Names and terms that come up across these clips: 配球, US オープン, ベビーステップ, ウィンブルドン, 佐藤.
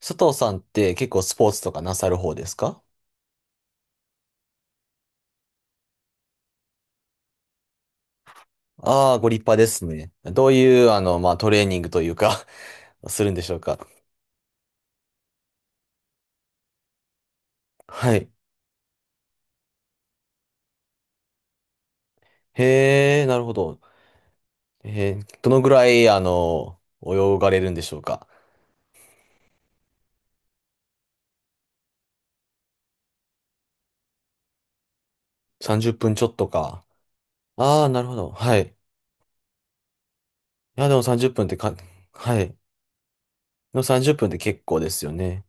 佐藤さんって結構スポーツとかなさる方ですか？ああー、ご立派ですね。どういう、まあ、トレーニングというか、 するんでしょうか？はい。へえ、なるほど。えーどのぐらい、泳がれるんでしょうか？30分ちょっとか。ああ、なるほど。はい。いや、でも30分っぷんってか、はい。でも30分っぷんって結構ですよね。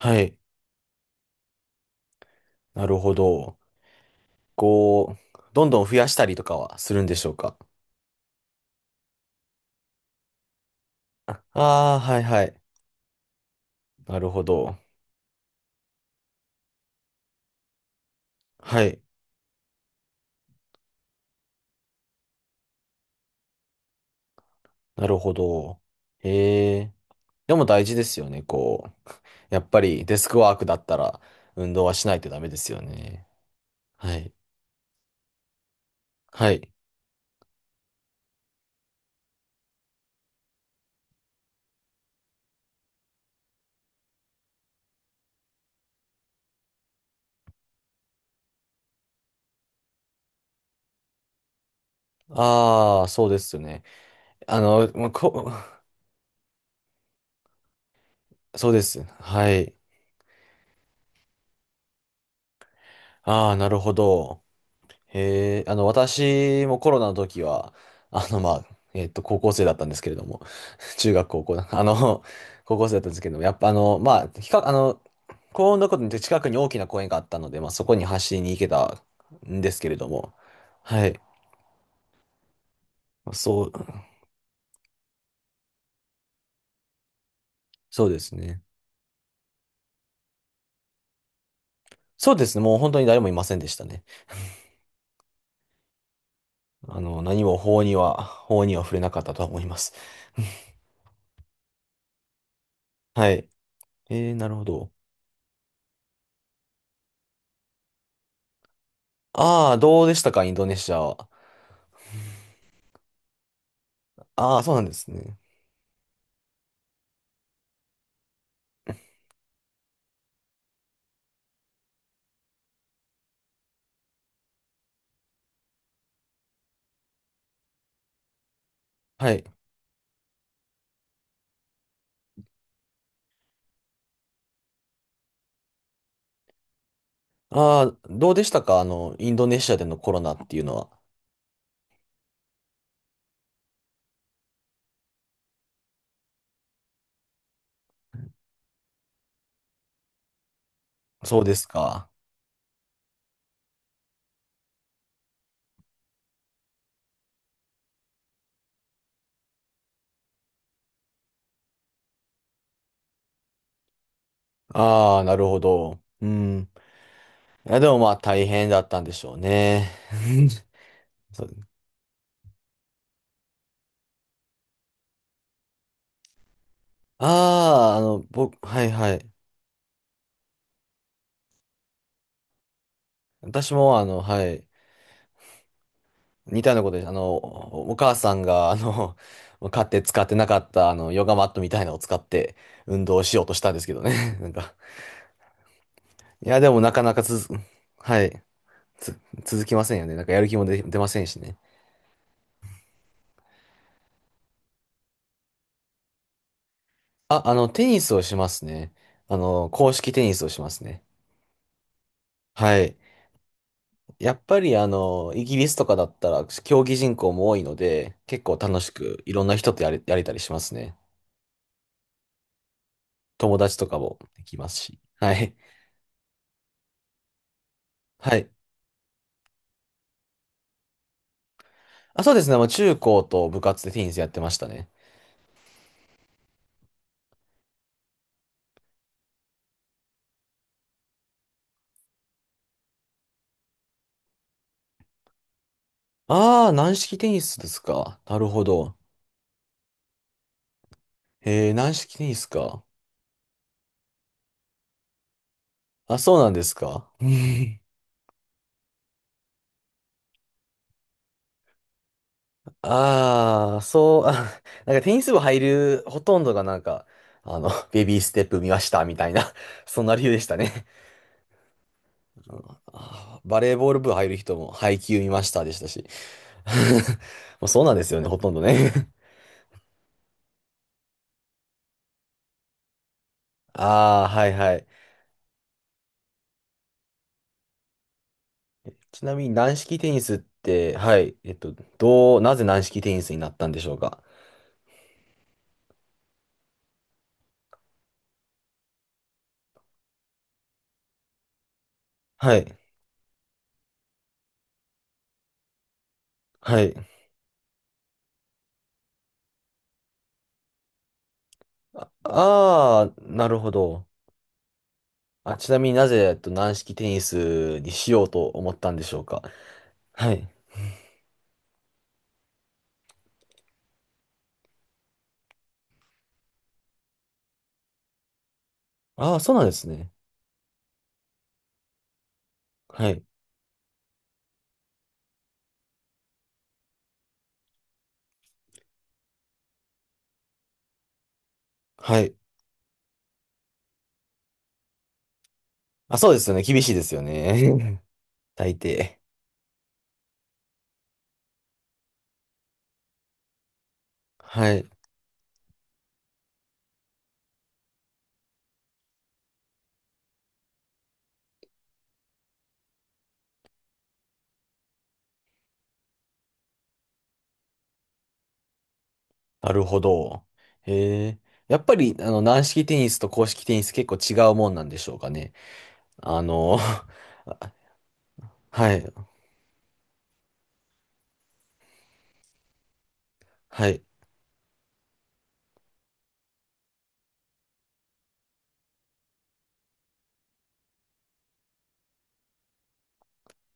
はい。なるほど。こう、どんどん増やしたりとかはするんでしょうか？ああー、はいはい。なるほど。はい。なるほど。へえ。でも大事ですよね。こう、やっぱりデスクワークだったら運動はしないとダメですよね。はい。はい。ああ、そうですよね。あの、まあこ、そうです。はい。ああ、なるほど。へえ。私もコロナの時は、高校生だったんですけれども、中学、高校だ、あの、高校生だったんですけども、やっぱまあ、比較、あの、幸運なことに近くに大きな公園があったので、まあ、そこに走りに行けたんですけれども、はい。まあそうですね。そうですね。もう本当に誰もいませんでしたね。何も法には触れなかったとは思います。はい。なるほど。ああ、どうでしたか、インドネシアは？ああ、そうなんですね。はい。ああ、どうでしたか、インドネシアでのコロナっていうのは？そうですか。ああ、なるほど。うん。いや、でもまあ大変だったんでしょうね。そう僕、はいはい。私もはい。似たようなことです。お母さんが、買って使ってなかった、ヨガマットみたいなのを使って運動しようとしたんですけどね。なんか、いや、でもなかなかはい。つ、続きませんよね。なんかやる気も出ませんしね。あ、テニスをしますね。公式テニスをしますね。はい。やっぱりイギリスとかだったら競技人口も多いので、結構楽しくいろんな人とやれたりしますね。友達とかもできますし。はい。はい。あ、そうですね。まあ、中高と部活でテニスやってましたね。ああ、軟式テニスですか？なるほど。へえー、軟式テニスか。あ、そうなんですか？ああ、そう、なんかテニス部入るほとんどがなんか、ベビーステップ見ましたみたいな、そんな理由でしたね。うん。バレーボール部入る人も配球見ましたでしたし。もうそうなんですよね、ほとんどね。ああ、はいはい。ちなみに軟式テニスって、はい、なぜ軟式テニスになったんでしょうか？はい、はい。ああー、なるほど。あ、ちなみになぜ、軟式テニスにしようと思ったんでしょうか？はい。ああ、そうなんですね。はい、はい。あ、そうですよね。厳しいですよね。大抵。はい。なるほど。へえ。やっぱり、軟式テニスと硬式テニス結構違うもんなんでしょうかね？あの、はい、はい。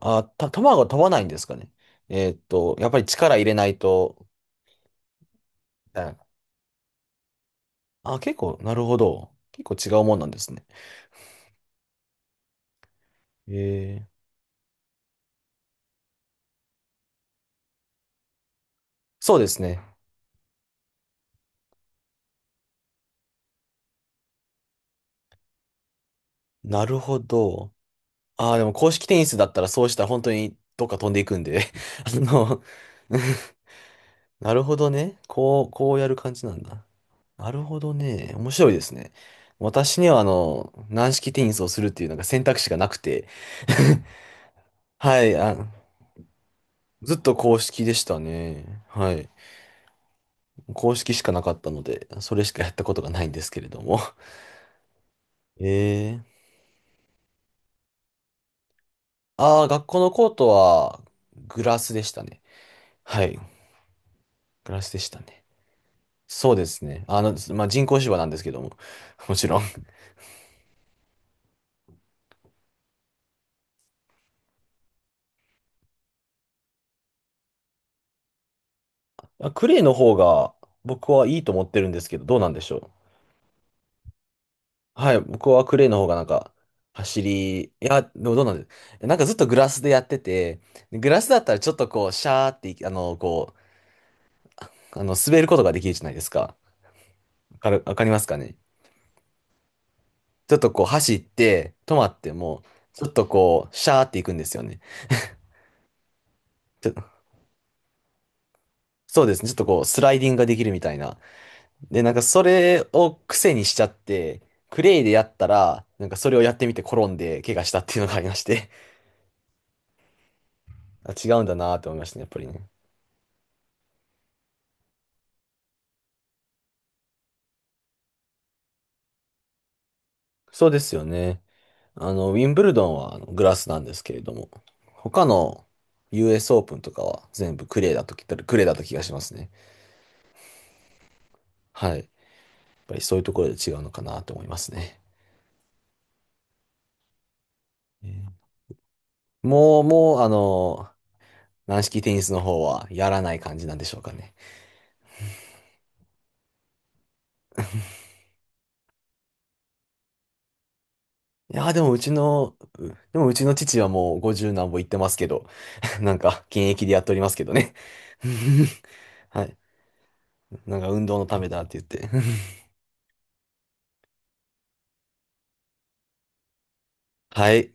あ、球が飛ばないんですかね？やっぱり力入れないと、みたいな。あ、結構、なるほど。結構違うもんなんですね。へえ。そうですね。なるほど。ああでも硬式テニスだったらそうしたら本当にどっか飛んでいくんで。あの、なるほどね。こうやる感じなんだ。なるほどね。面白いですね。私には、軟式テニスをするっていうなんか選択肢がなくて。はい、あ、ずっと公式でしたね。はい。公式しかなかったので、それしかやったことがないんですけれども。えー。ああー、学校のコートは、グラスでしたね。はい。グラスでしたね。そうですね。まあ、人工芝なんですけども。もちろん。あ、クレーの方が、僕はいいと思ってるんですけど、どうなんでしょう？はい、僕はクレイの方がなんか、いや、でもどうなんですなんかずっとグラスでやってて、グラスだったらちょっとこう、シャーってい、あの、こう、滑ることができるじゃないですか。わかりますかね？ちょっとこう、走って、止まっても、ちょっとこう、シャーっていくんですよね。ちょそうですね、ちょっとこう、スライディングができるみたいな。で、なんかそれを癖にしちゃって、クレイでやったら、なんかそれをやってみて転んで、怪我したっていうのがありまして、あ、違うんだなって思いましたね、やっぱりね。そうですよね。ウィンブルドンはあのグラスなんですけれども、他の US オープンとかは全部クレーだった気がしますね。はい。やっぱりそういうところで違うのかなと思いますね。えーもう、軟式テニスの方はやらない感じなんでしょうかね？いやー、でもうちの父はもう50何歩行ってますけど、なんか現役でやっておりますけどね。はい。なんか運動のためだって言って。はい。